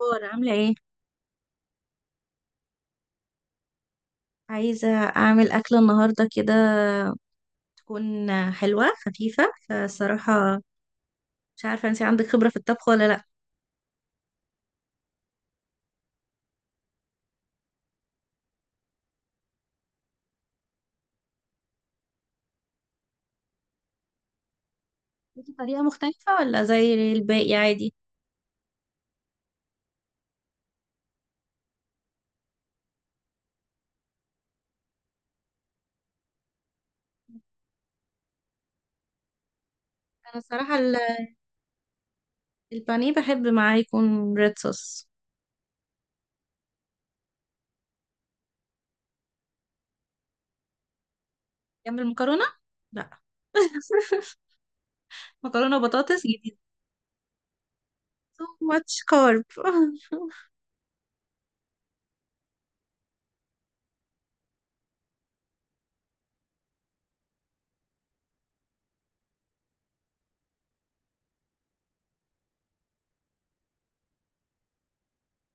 أخبار عاملة ايه؟ عايزة أعمل أكلة النهاردة كده تكون حلوة خفيفة فصراحة. مش عارفة انتي عندك خبرة في الطبخ ولا لأ. ليكي طريقة مختلفة ولا زي الباقي عادي؟ أنا الصراحة البانيه بحب معاه يكون ريد صوص. جنب المكرونة؟ لأ. مكرونة وبطاطس جديد. too much carb.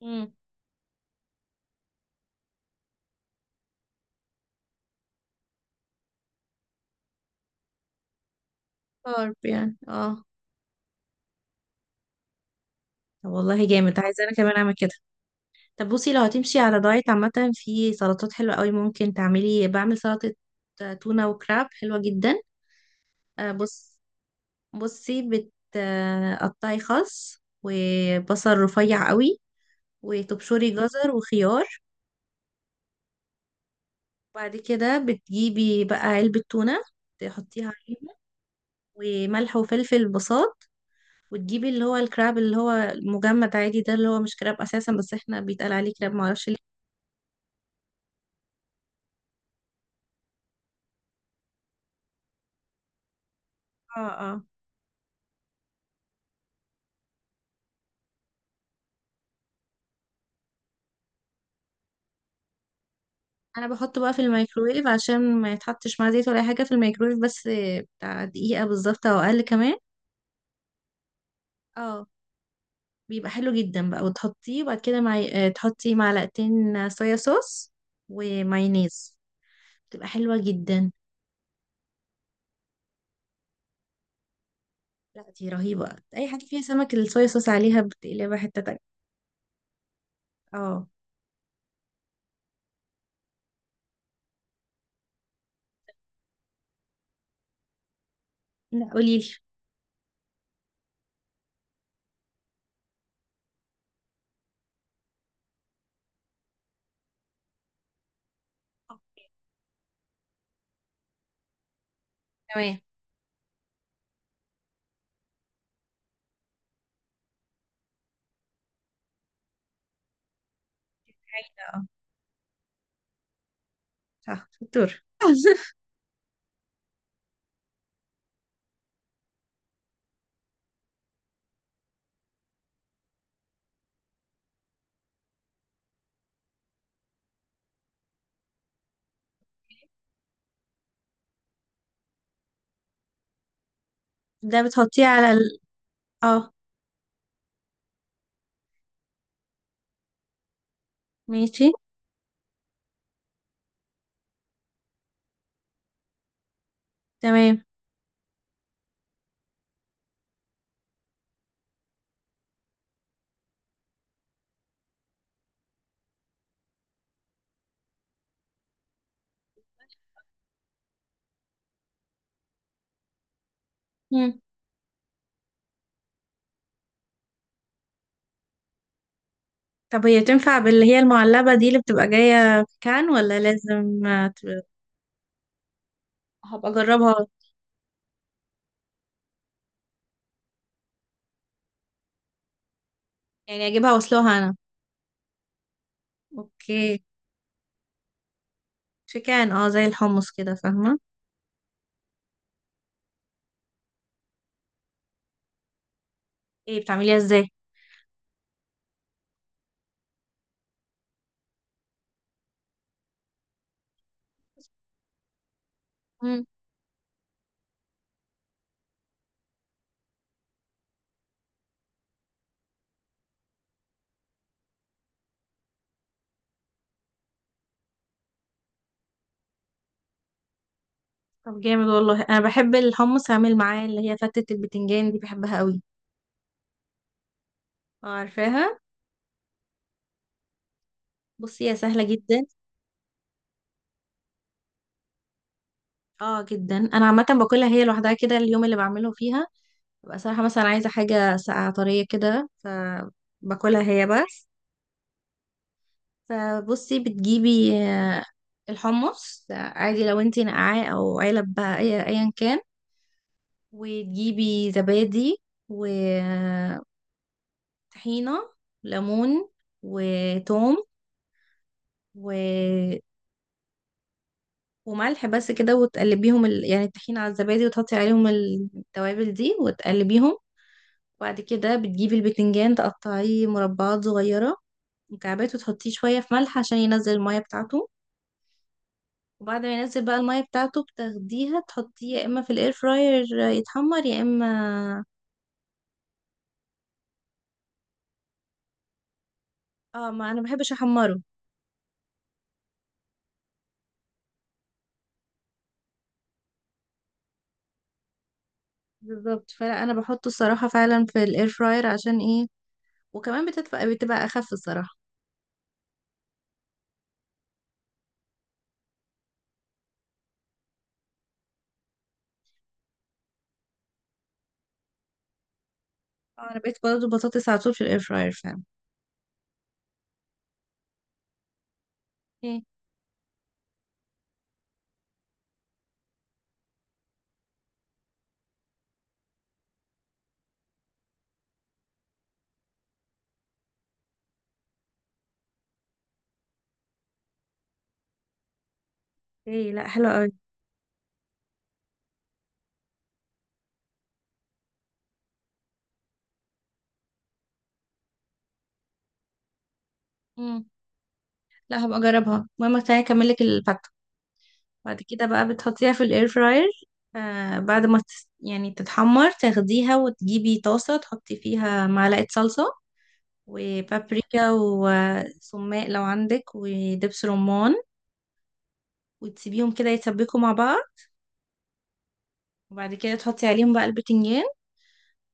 مم، carb يعني اه. طب والله جامد، عايزة أنا كمان أعمل كده. طب بصي، لو هتمشي على دايت عامة، في سلطات حلوة قوي ممكن تعملي، بعمل سلطة تونة وكراب حلوة جدا. بص، بصي بتقطعي خس وبصل رفيع قوي، وتبشري جزر وخيار، وبعد كده بتجيبي بقى علبة تونة تحطيها عليهم، وملح وفلفل بساط، وتجيبي اللي هو الكراب، اللي هو المجمد عادي ده، اللي هو مش كراب اساسا بس احنا بيتقال عليه كراب، معرفش ليه. اه اه، انا بحطه بقى في الميكروويف عشان ما يتحطش مع زيت ولا اي حاجه، في الميكروويف بس، بتاع دقيقه بالظبط او اقل كمان. اه، بيبقى حلو جدا بقى وتحطيه، وبعد كده مع... آه، تحطي معلقتين صويا صوص ومايونيز. بتبقى حلوه جدا. لا دي رهيبه، اي حاجه فيها سمك الصويا صوص عليها بتقلبها حته تانية. اه. لا قولي لي. تمام. حلو. اه صح، شطور. ده بتحطيه على اه. ماشي. تمام. طب هي تنفع باللي هي المعلبة دي اللي بتبقى جاية في كان، ولا لازم هبقى اجربها؟ يعني اجيبها واسلقها انا؟ اوكي. في كان اه، زي الحمص كده، فاهمة. ايه، بتعمليها ازاي؟ مم. طب جامد والله، انا بحب الحمص. اعمل معاه اللي هي فتة البتنجان دي، بحبها قوي. اه عارفاها. بصي هي سهلة جدا. اه جدا، انا عامة باكلها هي لوحدها، كده اليوم اللي بعمله فيها، ببقى صراحة مثلا عايزة حاجة ساقعة طرية كده، فباكلها هي بس. فبصي، بتجيبي الحمص، عادي لو انتي نقعاه او علب بقى، ايا كان، وتجيبي زبادي وطحينة، ليمون، وتوم، و... وملح، بس كده. وتقلبيهم يعني الطحينة على الزبادي، وتحطي عليهم التوابل دي وتقلبيهم. وبعد كده بتجيبي البتنجان، تقطعيه مربعات صغيرة، مكعبات، وتحطيه شوية في ملح عشان ينزل المية بتاعته. وبعد ما ينزل بقى المية بتاعته بتاخديها، تحطيه يا اما في الاير فراير يتحمر، يا اما اه. ما انا بحبش احمره. بالظبط، فلا انا بحطه الصراحة فعلا في الاير فراير، عشان ايه، وكمان بتدفى، بتبقى اخف الصراحة. اه، انا بقيت برضه بطاطس على طول في الاير فراير فعلا. ايه ايه، لا حلوة قوي. امم. لا هبقى اجربها. المهم تعالي اكمل لك الفتة. بعد كده بقى بتحطيها في الاير فراير، آه بعد ما يعني تتحمر تاخديها، وتجيبي طاسة تحطي فيها معلقة صلصة، وبابريكا، وسماق لو عندك، ودبس رمان، وتسيبيهم كده يتسبكوا مع بعض. وبعد كده تحطي عليهم بقى البتنجان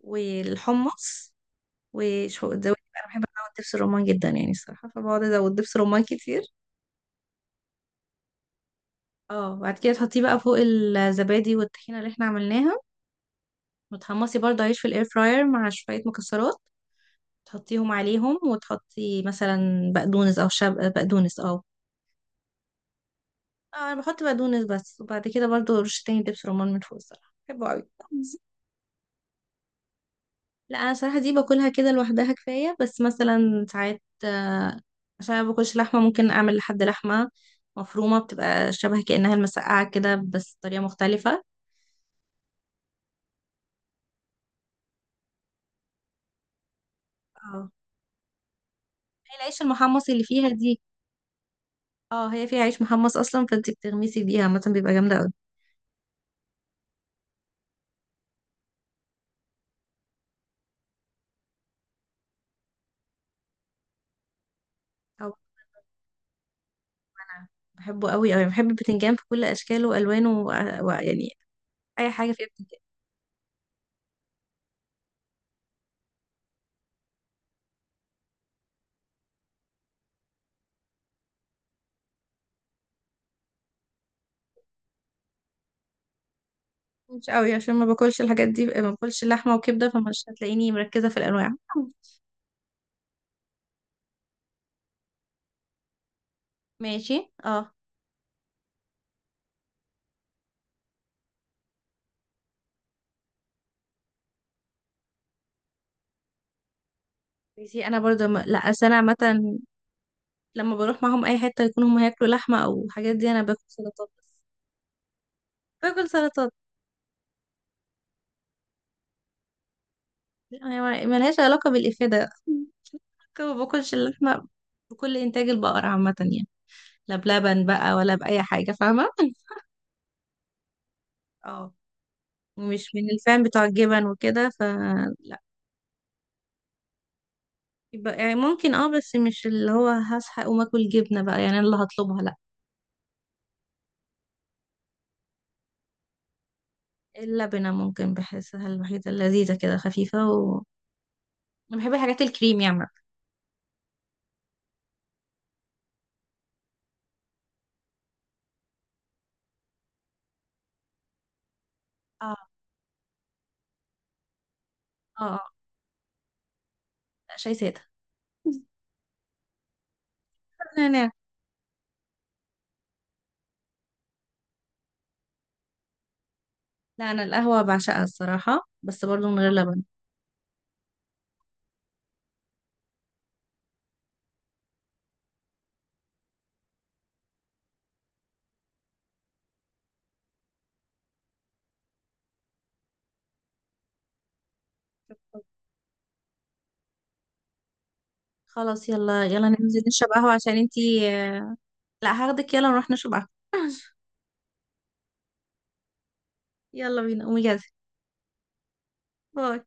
والحمص، وشو زودي بقى، أنا بحب ازود دبس الرمان جدا يعني الصراحة، فبقعد ازود دبس رمان كتير. اه، بعد كده تحطيه بقى فوق الزبادي والطحينة اللي احنا عملناها، وتحمصي برضه عيش في الاير فراير مع شوية مكسرات، تحطيهم عليهم، وتحطي مثلا بقدونس او شب بقدونس اه. اه، انا بحط بقدونس بس. وبعد كده برضو رشتين دبس رمان من فوق، الصراحه بحبه قوي. لا انا صراحه دي باكلها كده لوحدها كفايه، بس مثلا ساعات، عشان انا باكلش لحمه، ممكن اعمل لحمه مفرومه، بتبقى شبه كانها المسقعه كده، بس طريقه مختلفه. اه، هي العيش المحمص اللي فيها دي، اه هي فيها عيش محمص اصلا، فانت بتغمسي بيها مثلا، بيبقى جامده قوي. او انا بحبه قوي قوي، بحب البتنجان في كل اشكاله والوانه، ويعني اي حاجه فيها بتنجان. مش قوي عشان ما باكلش الحاجات دي، ما باكلش لحمه وكبده، فمش هتلاقيني مركزه في الانواع. ماشي اه. ماشي انا برضه لا اصل انا عامه لما بروح معاهم اي حته، يكونوا هم هياكلوا لحمه او حاجات دي، انا باكل سلطات بس. باكل سلطات. يعني ملهاش علاقه بالافاده، ما باكلش اللحمه، بكل انتاج البقر عامه يعني، لا بلبن بقى ولا باي حاجه، فاهمه. اه. مش من الفان بتوع الجبن وكده، فلا يبقى يعني ممكن اه، بس مش اللي هو هصحى اقوم اكل جبنه بقى يعني، أنا اللي هطلبها لا. اللبنة ممكن، بحسها الوحيدة اللذيذة كده خفيفة، و أنا بحب الحاجات الكريم يعني. اه اه اه. لا، شاي سادة. نعناع. لا أنا القهوة بعشقها الصراحة، بس برضو من غير لبن. خلاص يلا يلا ننزل نشرب قهوة عشان انتي. لا هاخدك يلا نروح نشرب قهوة. يلا بينا، قومي جاهزة. باي.